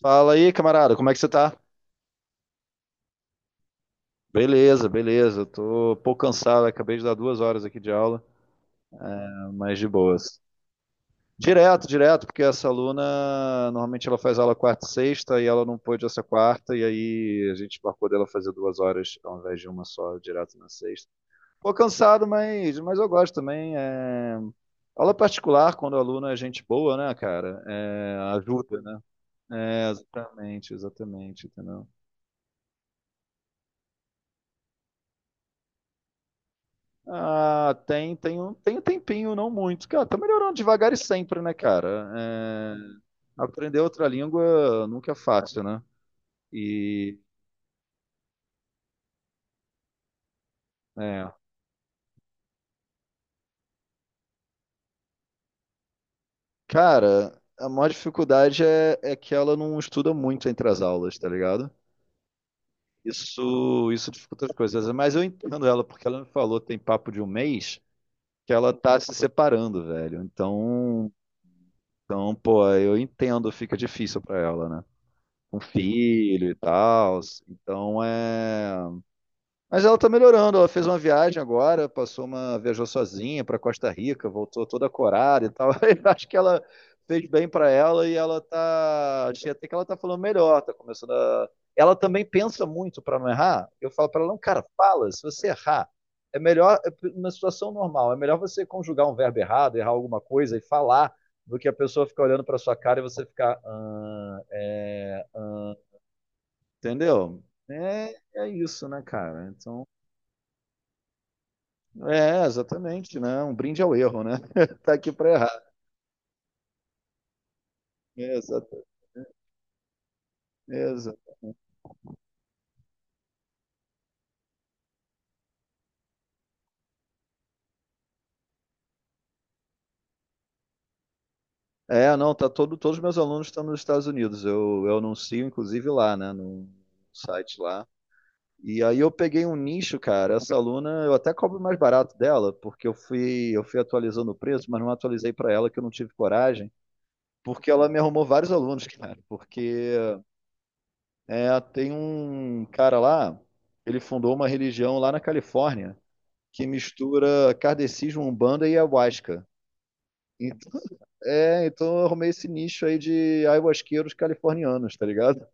Fala aí, camarada, como é que você tá? Beleza, beleza. Tô um pouco cansado, acabei de dar 2 horas aqui de aula, mas de boas. Direto, direto, porque essa aluna, normalmente ela faz aula quarta e sexta e ela não pôde essa quarta, e aí a gente marcou dela fazer 2 horas ao invés de uma só, direto na sexta. Pô, cansado, mas eu gosto também. Aula particular, quando o aluno é gente boa, né, cara? É, ajuda, né? É, exatamente, exatamente, entendeu? Ah, tem um tempinho, não muito. Cara, tá melhorando devagar e sempre, né, cara? É, aprender outra língua nunca é fácil, né? E, é, cara, a maior dificuldade é que ela não estuda muito entre as aulas, tá ligado? Isso dificulta as coisas. Mas eu entendo ela, porque ela me falou, tem papo de um mês, que ela tá se separando, velho. Então, pô, eu entendo, fica difícil pra ela, né? Com filho e tal. Então é. Mas ela tá melhorando. Ela fez uma viagem agora, passou uma. Viajou sozinha pra Costa Rica, voltou toda corada e tal. Eu acho que ela fez bem pra ela e ela tá. Achei até que ela tá falando melhor, tá começando a. Ela também pensa muito pra não errar. Eu falo pra ela, não, cara, fala, se você errar. É melhor, é uma situação normal, é melhor você conjugar um verbo errado, errar alguma coisa e falar, do que a pessoa ficar olhando pra sua cara e você ficar. "Ah, é, entendeu? É isso, né, cara? Então, exatamente, né? Um brinde ao erro, né? Tá aqui para errar. Exato, exato. É, não, todos os meus alunos estão nos Estados Unidos. Eu anuncio, inclusive, lá, né? No site lá. E aí eu peguei um nicho, cara. Essa aluna, eu até cobro mais barato dela, porque eu fui atualizando o preço, mas não atualizei para ela que eu não tive coragem, porque ela me arrumou vários alunos, cara. Porque tem um cara lá, ele fundou uma religião lá na Califórnia que mistura kardecismo, umbanda e ayahuasca. Então, então, eu arrumei esse nicho aí de ayahuasqueiros californianos, tá ligado?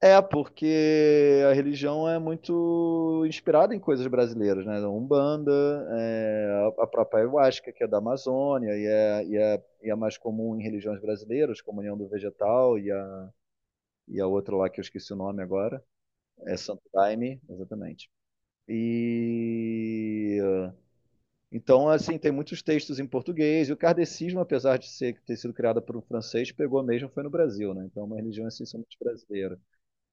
É, porque a religião é muito inspirada em coisas brasileiras, né? Umbanda, a própria ayahuasca, que é da Amazônia e é mais comum em religiões brasileiras, como a União do Vegetal e a outra lá que eu esqueci o nome agora. É Santo Daime, exatamente. E então, assim, tem muitos textos em português, e o kardecismo, apesar de ser, ter sido criado por um francês, pegou mesmo, foi no Brasil, né? Então, é uma religião essencialmente brasileira.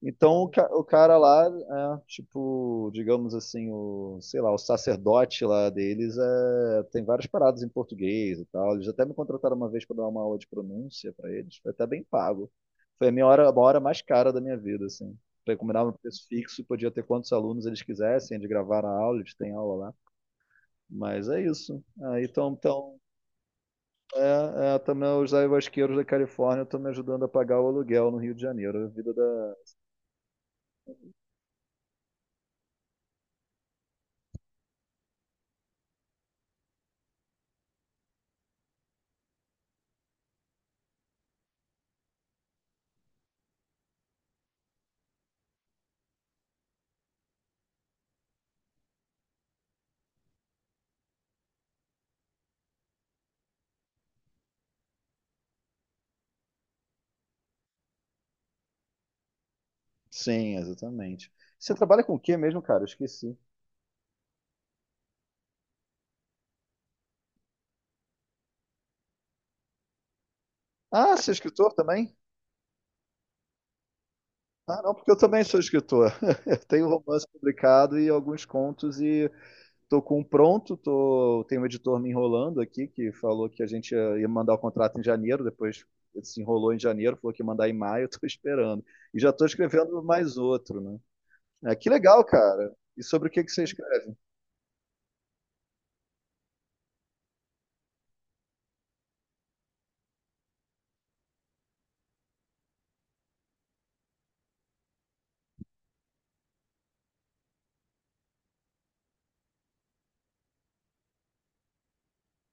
Então o cara lá, tipo, digamos assim, o, sei lá, o sacerdote lá deles tem várias paradas em português e tal. Eles até me contrataram uma vez para dar uma aula de pronúncia para eles. Foi até bem pago. Foi a minha hora, uma hora mais cara da minha vida, assim. Foi Combinava um preço fixo, podia ter quantos alunos eles quisessem, eles gravaram a aula, eles têm aula lá. Mas é isso. Aí então, também os ayahuasqueiros da Califórnia estão me ajudando a pagar o aluguel no Rio de Janeiro. A vida da. Sim, exatamente. Você trabalha com o quê mesmo, cara? Eu esqueci. Ah, você é escritor também? Ah, não, porque eu também sou escritor. Eu tenho um romance publicado e alguns contos e tô com um pronto, tem um editor me enrolando aqui que falou que a gente ia mandar o contrato em janeiro, depois ele se enrolou em janeiro, falou que ia mandar em maio, eu tô esperando. E já tô escrevendo mais outro, né? É, que legal, cara. E sobre o que que você escreve?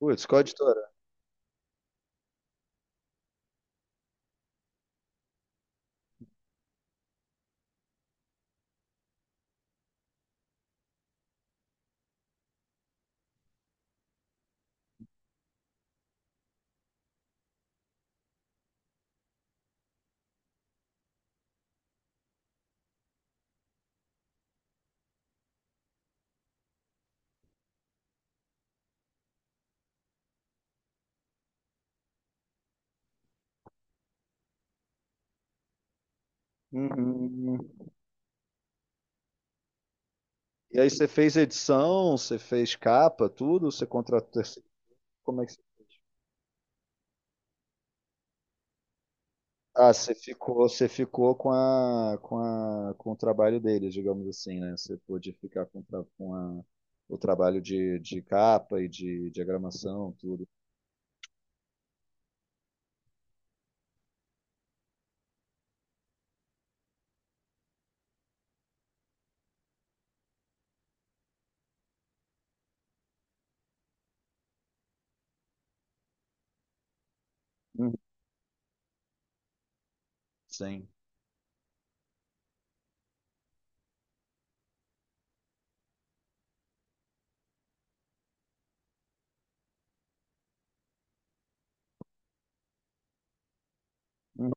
Putz, qual editora? Uhum. E aí você fez edição, você fez capa, tudo? Você contratou terceiro? Como é que você fez? Ah, você ficou com a, com a, com o trabalho deles, digamos assim, né? Você pôde ficar com o trabalho de capa e de diagramação, tudo. Uhum. Sim. Uhum.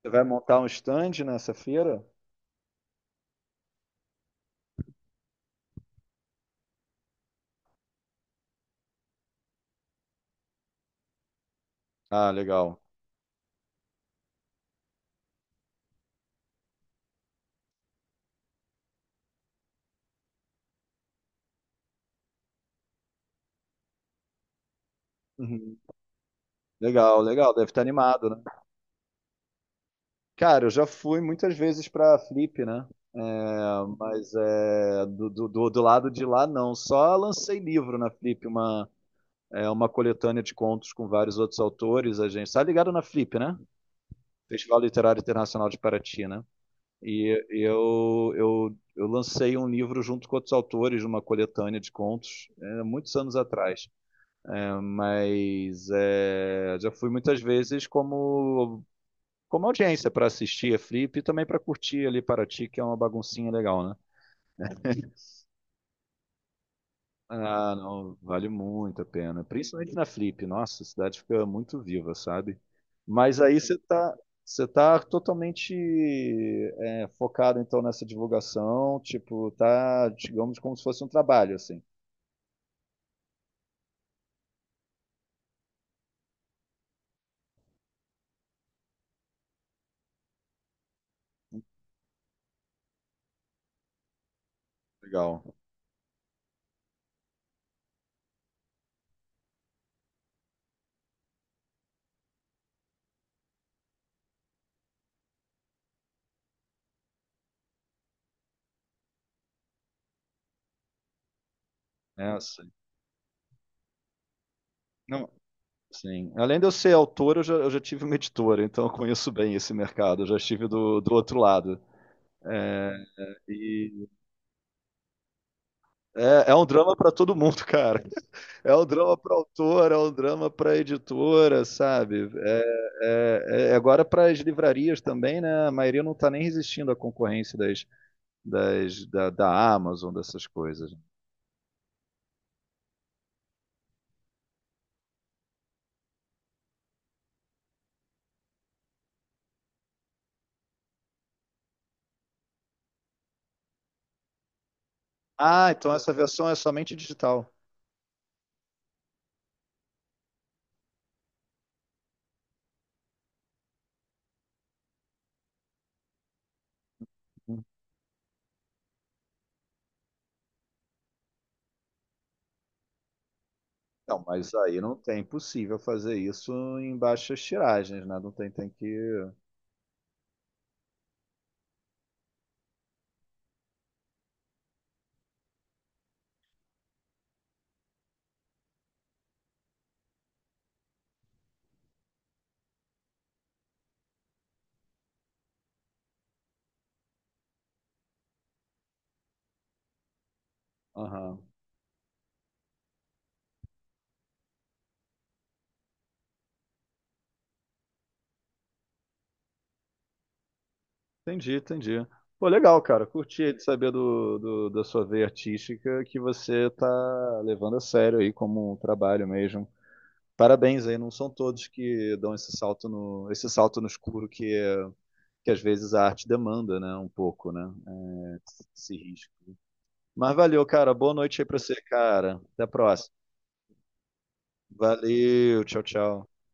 Você vai montar um stand nessa feira? Ah, legal. Uhum. Legal, legal. Deve estar animado, né? Cara, eu já fui muitas vezes para a Flip, né? É, mas do lado de lá, não. Só lancei livro na Flip, uma coletânea de contos com vários outros autores. A gente tá ligado na Flip, né? Festival Literário Internacional de Paraty, né? E eu lancei um livro junto com outros autores, de uma coletânea de contos, muitos anos atrás. É, mas é, já fui muitas vezes como, como audiência para assistir a Flip e também para curtir ali Paraty, que é uma baguncinha legal, né? Ah, não, vale muito a pena. Principalmente na Flip, nossa, a cidade fica muito viva, sabe? Mas aí você tá totalmente focado então nessa divulgação, tipo, tá, digamos, como se fosse um trabalho, assim. Legal. É, sim. Não, sim. Além de eu ser autor, eu já tive uma editora, então eu conheço bem esse mercado, eu já estive do outro lado. É, e é um drama para todo mundo, cara. É um drama para autor, é um drama para editora, sabe? É, é- é agora para as livrarias também, né? A maioria não está nem resistindo à concorrência da Amazon, dessas coisas. Ah, então essa versão é somente digital. Não, mas aí não tem possível fazer isso em baixas tiragens, né? Não tem, tem que. Aham. Entendi, entendi. Pô, legal, cara. Curti de saber da sua veia artística que você tá levando a sério aí como um trabalho mesmo. Parabéns aí, não são todos que dão esse salto no escuro que às vezes a arte demanda, né? Um pouco, né? É, esse risco. Mas valeu, cara. Boa noite aí pra você, cara. Até a próxima. Valeu, tchau, tchau.